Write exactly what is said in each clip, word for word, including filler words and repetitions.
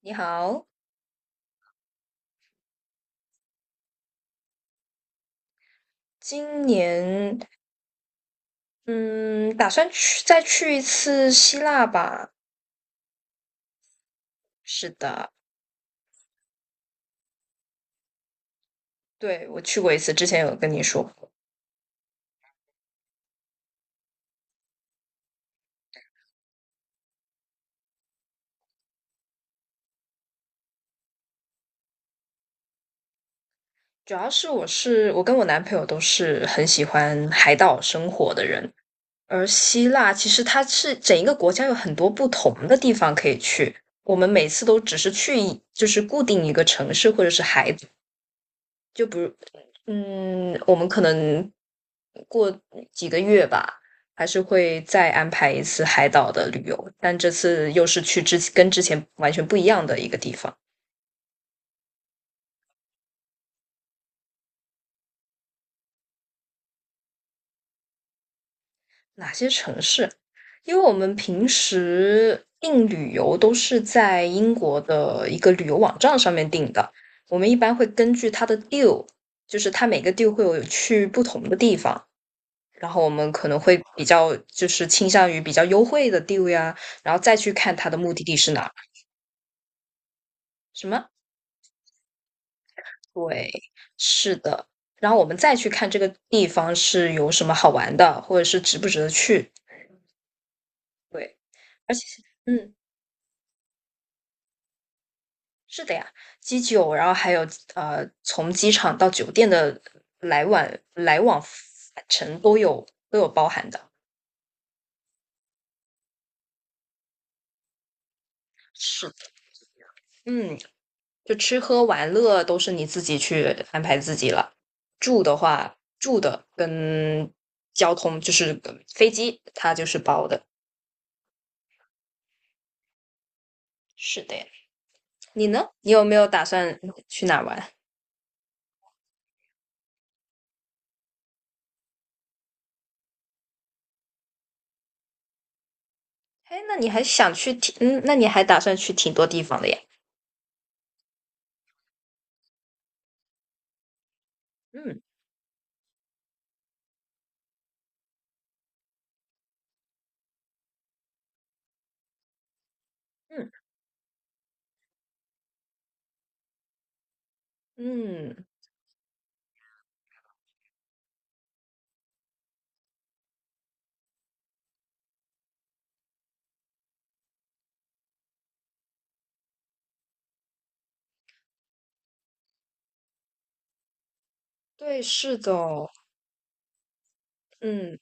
你好，今年嗯，打算去再去一次希腊吧？是的，对，我去过一次，之前有跟你说过。主要是我是我跟我男朋友都是很喜欢海岛生活的人，而希腊其实它是整一个国家有很多不同的地方可以去，我们每次都只是去一就是固定一个城市或者是海岛就比如嗯，我们可能。过几个月吧，还是会再安排一次海岛的旅游，但这次又是去之跟之前完全不一样的一个地方。哪些城市？因为我们平时订旅游都是在英国的一个旅游网站上面订的，我们一般会根据它的 deal,就是它每个 deal 会有去不同的地方，然后我们可能会比较就是倾向于比较优惠的 deal 呀，然后再去看它的目的地是哪儿什么？对，是的。然后我们再去看这个地方是有什么好玩的，或者是值不值得去。对，而且，嗯，是的呀，机酒，然后还有呃，从机场到酒店的来往来往返程都有都有包含的。是的，嗯，就吃喝玩乐都是你自己去安排自己了。住的话，住的跟交通就是飞机，它就是包的。是的呀。你呢？你有没有打算去哪玩？哎，那你还想去挺，嗯，那你还打算去挺多地方的呀。嗯嗯嗯，对，是的哦，嗯，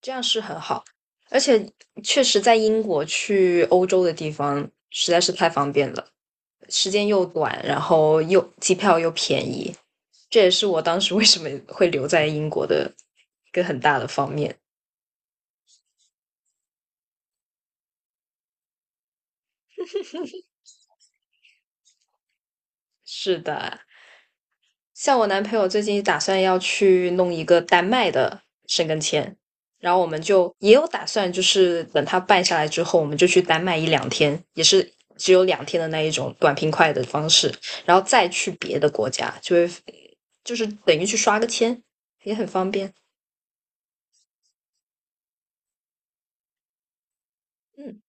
这样是很好，而且确实在英国去欧洲的地方实在是太方便了，时间又短，然后又机票又便宜，这也是我当时为什么会留在英国的一个很大的方面。是的。像我男朋友最近打算要去弄一个丹麦的申根签，然后我们就也有打算，就是等他办下来之后，我们就去丹麦一两天，也是只有两天的那一种短平快的方式，然后再去别的国家，就会就是等于去刷个签，也很方便。嗯，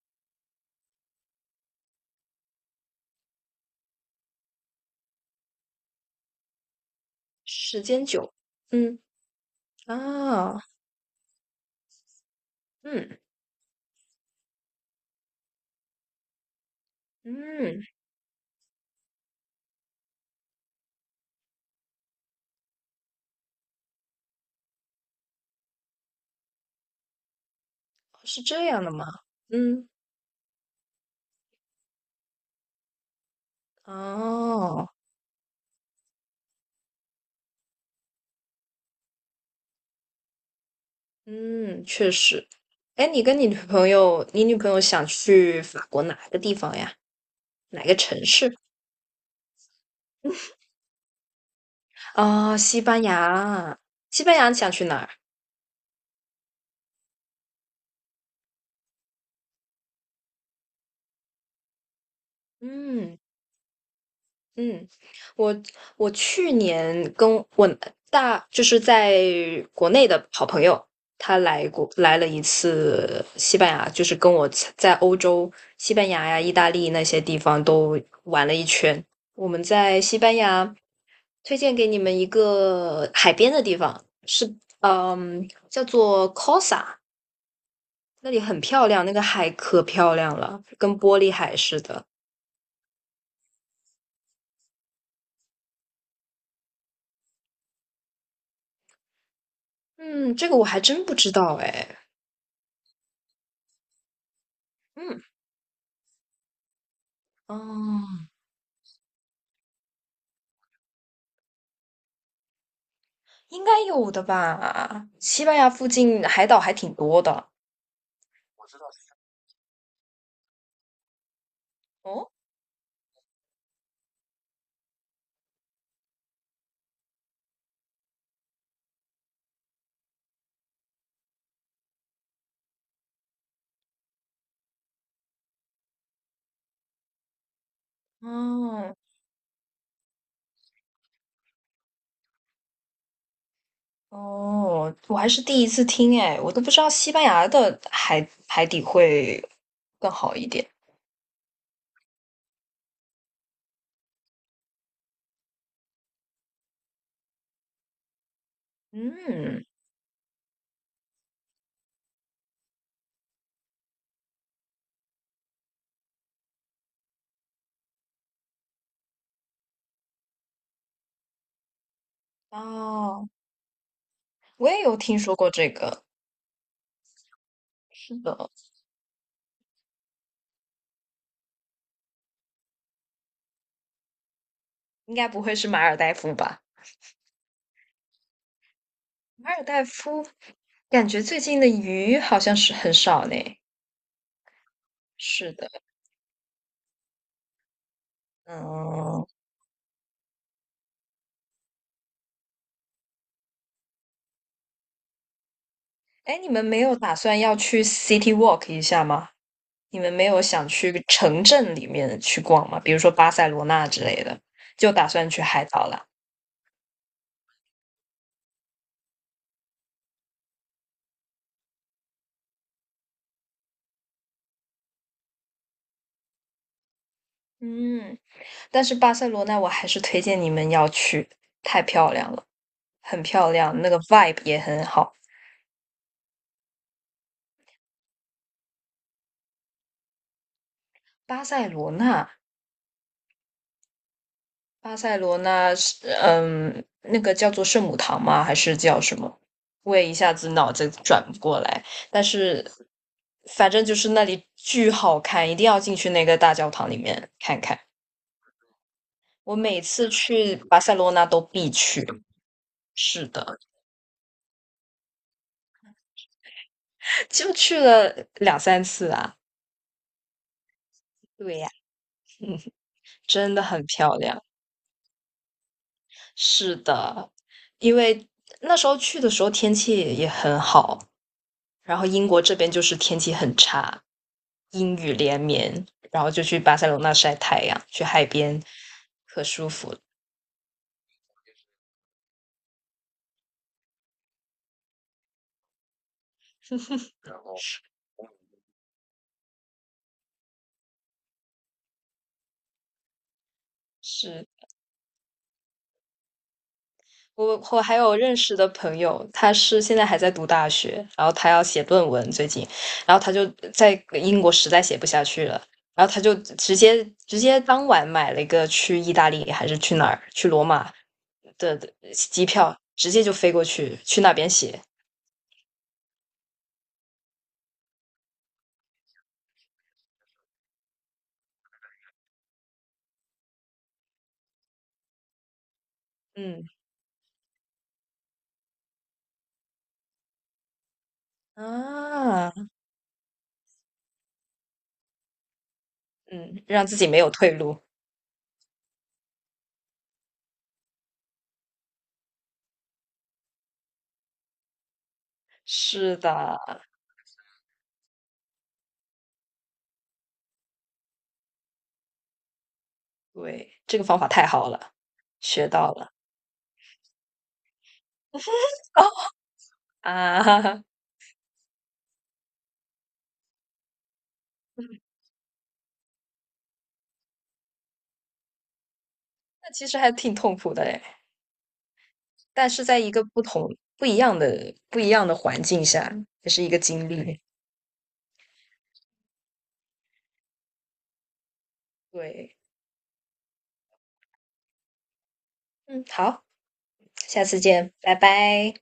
时间久，嗯啊，嗯嗯，是这样的吗？嗯，哦。嗯，确实。哎，你跟你女朋友，你女朋友想去法国哪个地方呀？哪个城市？啊、西班牙。西班牙你想去哪儿？嗯嗯，我我去年跟我大就是在国内的好朋友，他来过来了一次西班牙，就是跟我在在欧洲西班牙呀、意大利那些地方都玩了一圈。我们在西班牙。推荐给你们一个海边的地方，是嗯，叫做 Cosa,那里很漂亮，那个海可漂亮了，跟玻璃海似的。嗯，这个我还真不知道哎。嗯，哦，应该有的吧？西班牙附近海岛还挺多的。我知道。哦，哦，哦，我还是第一次听哎，我都不知道西班牙的海海底会更好一点。嗯，哦。我也有听说过这个，是的，应该不会是马尔代夫吧？马尔代夫感觉最近的鱼好像是很少呢。是的，嗯，哎，你们没有打算要去 City Walk 一下吗？你们没有想去城镇里面去逛吗？比如说巴塞罗那之类的，就打算去海岛了。嗯，但是巴塞罗那我还是推荐你们要去，太漂亮了，很漂亮，那个 vibe 也很好。巴塞罗那巴塞罗那是嗯，那个叫做圣母堂吗？还是叫什么？我也一下子脑子转不过来。但是反正就是那里巨好看，一定要进去那个大教堂里面看看。我每次去巴塞罗那都必去，是的，就去了两三次啊。对呀，真的很漂亮。是的，因为那时候去的时候天气也很好，然后英国这边就是天气很差，阴雨连绵，然后就去巴塞罗那晒太阳，去海边，可舒服。是。我我还有认识的朋友，他是现在还在读大学，然后他要写论文，最近，然后他就在英国实在写不下去了。然后他就直接直接当晚买了一个去意大利还是去哪儿去罗马的的机票，直接就飞过去去那边写。嗯啊，嗯，让自己没有退路。是的，对，这个方法太好了，学到了。哦，啊，那其实还挺痛苦的哎，但是在一个不同不一样的不一样的环境下，也是一个经历。对，嗯，好，下次见，拜拜。